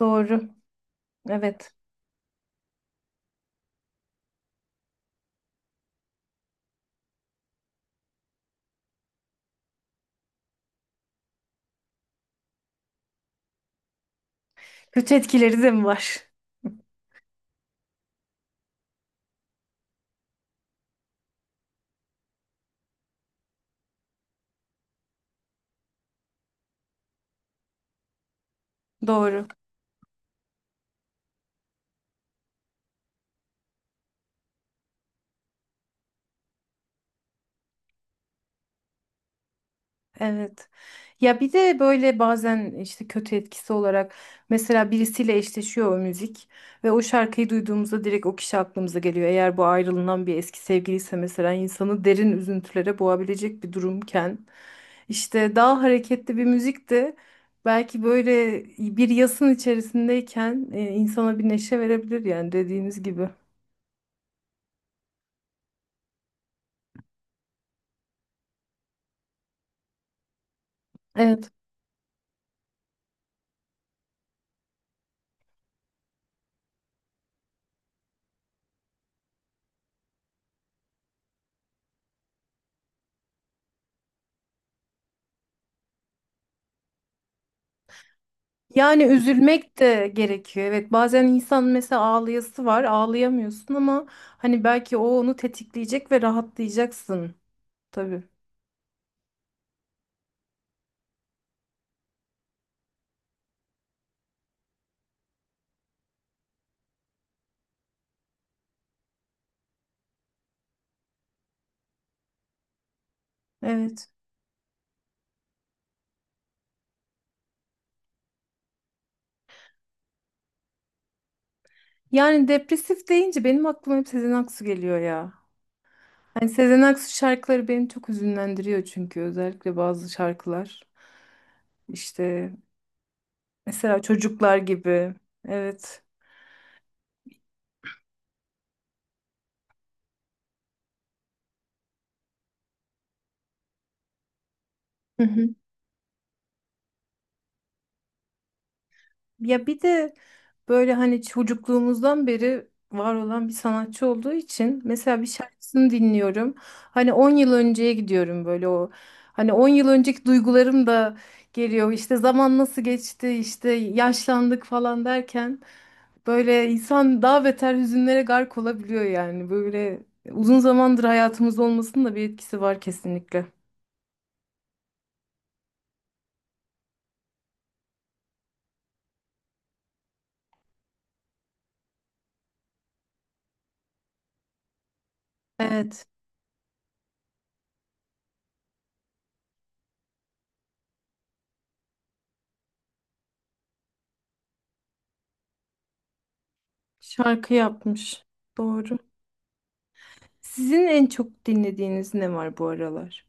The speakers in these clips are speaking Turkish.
Doğru. Evet. Kötü etkileri de mi var? Doğru. Evet. Ya bir de böyle bazen işte kötü etkisi olarak mesela birisiyle eşleşiyor o müzik ve o şarkıyı duyduğumuzda direkt o kişi aklımıza geliyor. Eğer bu ayrılınan bir eski sevgiliyse mesela insanı derin üzüntülere boğabilecek bir durumken işte daha hareketli bir müzik de belki böyle bir yasın içerisindeyken insana bir neşe verebilir yani dediğiniz gibi. Evet. Yani üzülmek de gerekiyor. Evet, bazen insan mesela ağlayası var, ağlayamıyorsun ama hani belki o onu tetikleyecek ve rahatlayacaksın. Tabii. Evet. Yani depresif deyince benim aklıma hep Sezen Aksu geliyor ya. Hani Sezen Aksu şarkıları beni çok hüzünlendiriyor çünkü özellikle bazı şarkılar. İşte mesela çocuklar gibi. Evet. Hı hı. Ya bir de böyle hani çocukluğumuzdan beri var olan bir sanatçı olduğu için mesela bir şarkısını dinliyorum. Hani 10 yıl önceye gidiyorum, böyle o hani 10 yıl önceki duygularım da geliyor. İşte zaman nasıl geçti, işte yaşlandık falan derken böyle insan daha beter hüzünlere gark olabiliyor yani. Böyle uzun zamandır hayatımızda olmasının da bir etkisi var kesinlikle. Evet, şarkı yapmış. Doğru. Sizin en çok dinlediğiniz ne var bu aralar?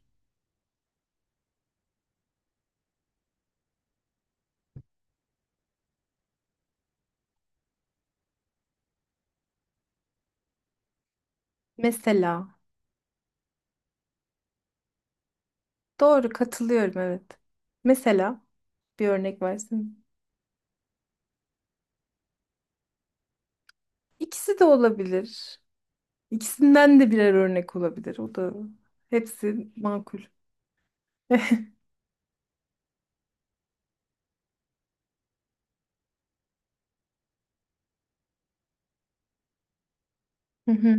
Mesela. Doğru, katılıyorum, evet. Mesela bir örnek versin. İkisi de olabilir. İkisinden de birer örnek olabilir. O da hepsi makul. Hı hı,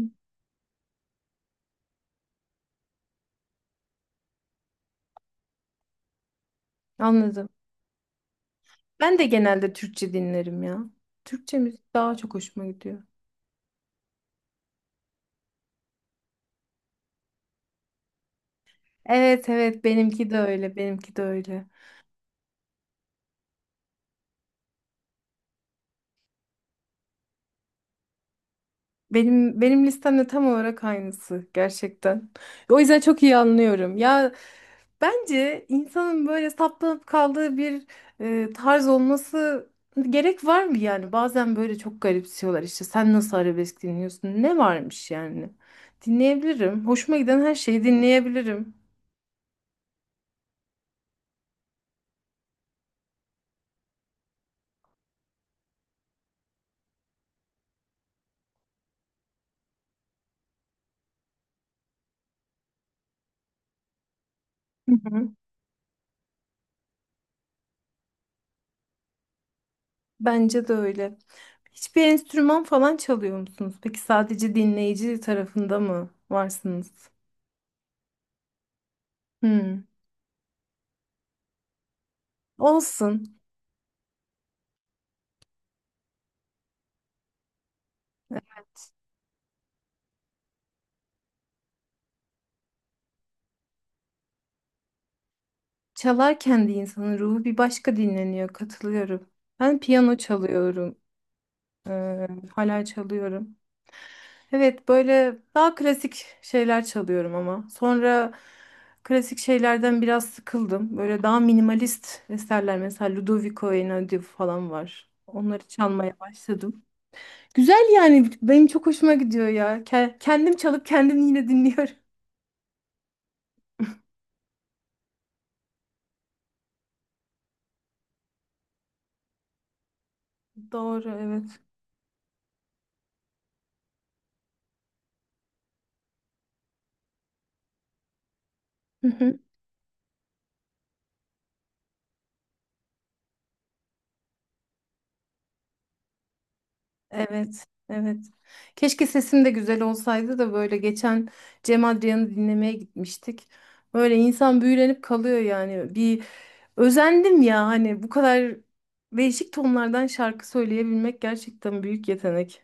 anladım. Ben de genelde Türkçe dinlerim ya. Türkçe müzik daha çok hoşuma gidiyor. Evet, evet, benimki de öyle, benimki de öyle. Benim listemde tam olarak aynısı gerçekten. O yüzden çok iyi anlıyorum. Ya, bence insanın böyle saplanıp kaldığı bir tarz olması gerek var mı yani? Bazen böyle çok garipsiyorlar, işte sen nasıl arabesk dinliyorsun? Ne varmış yani? Dinleyebilirim. Hoşuma giden her şeyi dinleyebilirim. Hı hı. Bence de öyle. Hiçbir enstrüman falan çalıyor musunuz? Peki sadece dinleyici tarafında mı varsınız? Hmm. Olsun. Çalarken de insanın ruhu bir başka dinleniyor. Katılıyorum. Ben piyano çalıyorum. Ee, hala çalıyorum. Evet, böyle daha klasik şeyler çalıyorum ama. Sonra klasik şeylerden biraz sıkıldım. Böyle daha minimalist eserler, mesela Ludovico Einaudi falan var. Onları çalmaya başladım. Güzel, yani benim çok hoşuma gidiyor ya. Kendim çalıp kendim yine dinliyorum. Doğru, evet. Evet, evet. Keşke sesim de güzel olsaydı da böyle geçen Cem Adrian'ı dinlemeye gitmiştik. Böyle insan büyülenip kalıyor yani. Bir özendim ya, hani bu kadar değişik tonlardan şarkı söyleyebilmek gerçekten büyük yetenek.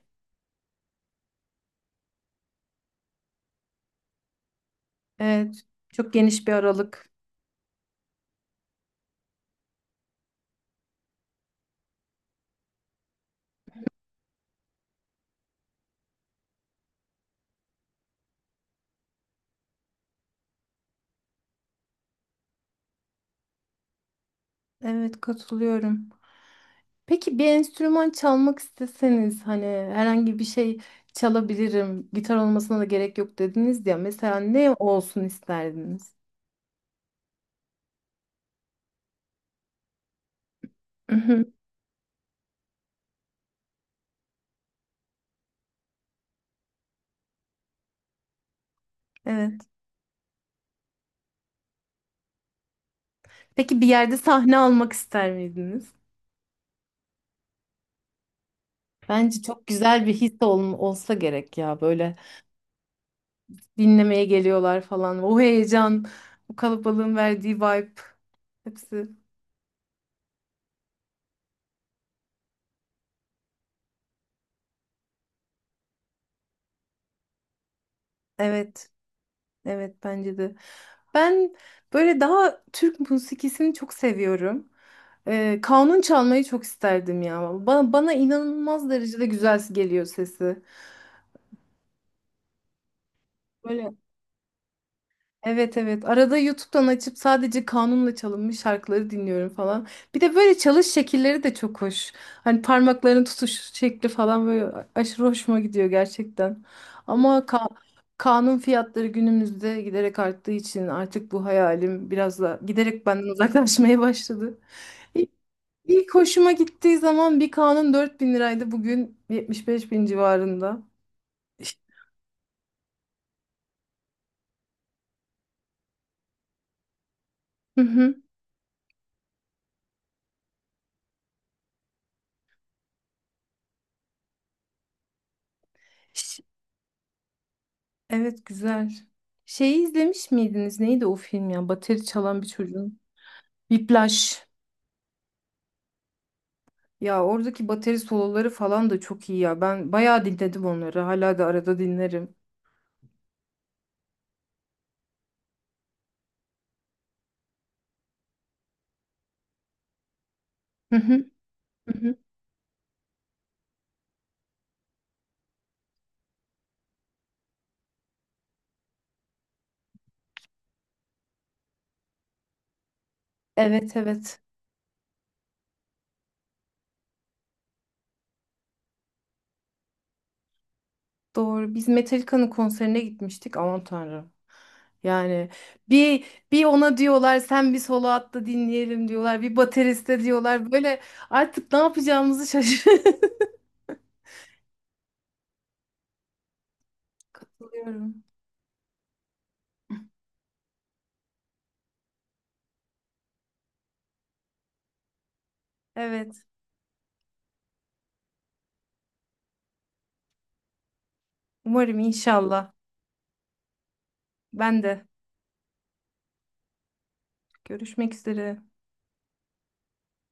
Evet, çok geniş bir aralık. Evet, katılıyorum. Peki bir enstrüman çalmak isteseniz, hani herhangi bir şey çalabilirim, gitar olmasına da gerek yok dediniz ya. Mesela ne olsun isterdiniz? Evet. Peki bir yerde sahne almak ister miydiniz? Bence çok güzel bir his olsa gerek ya. Böyle dinlemeye geliyorlar falan. O heyecan, o kalabalığın verdiği vibe, hepsi. Evet, evet, bence de. Ben böyle daha Türk musikisini çok seviyorum. Kanun çalmayı çok isterdim ya. Bana inanılmaz derecede güzel geliyor sesi. Böyle. Evet, evet. Arada YouTube'dan açıp sadece kanunla çalınmış şarkıları dinliyorum falan. Bir de böyle çalış şekilleri de çok hoş. Hani parmakların tutuş şekli falan böyle aşırı hoşuma gidiyor gerçekten. Ama kanun fiyatları günümüzde giderek arttığı için artık bu hayalim biraz da giderek benden uzaklaşmaya başladı. İlk, ilk hoşuma gittiği zaman bir kanun 4.000 liraydı. Bugün 75 bin civarında. İşte. Hı hı. Ş- Evet, güzel. Şeyi izlemiş miydiniz? Neydi o film ya? Bateri çalan bir çocuğun. Whiplash. Ya oradaki bateri soloları falan da çok iyi ya. Ben bayağı dinledim onları. Hala da arada dinlerim. Hı hı. Hı hı. Evet, evet. Doğru. Biz Metallica'nın konserine gitmiştik. Aman Tanrım. Yani bir bir ona diyorlar sen bir solo at da dinleyelim diyorlar. Bir bateriste diyorlar. Böyle artık ne yapacağımızı şaşırıyorum. Evet. Umarım inşallah. Ben de. Görüşmek üzere.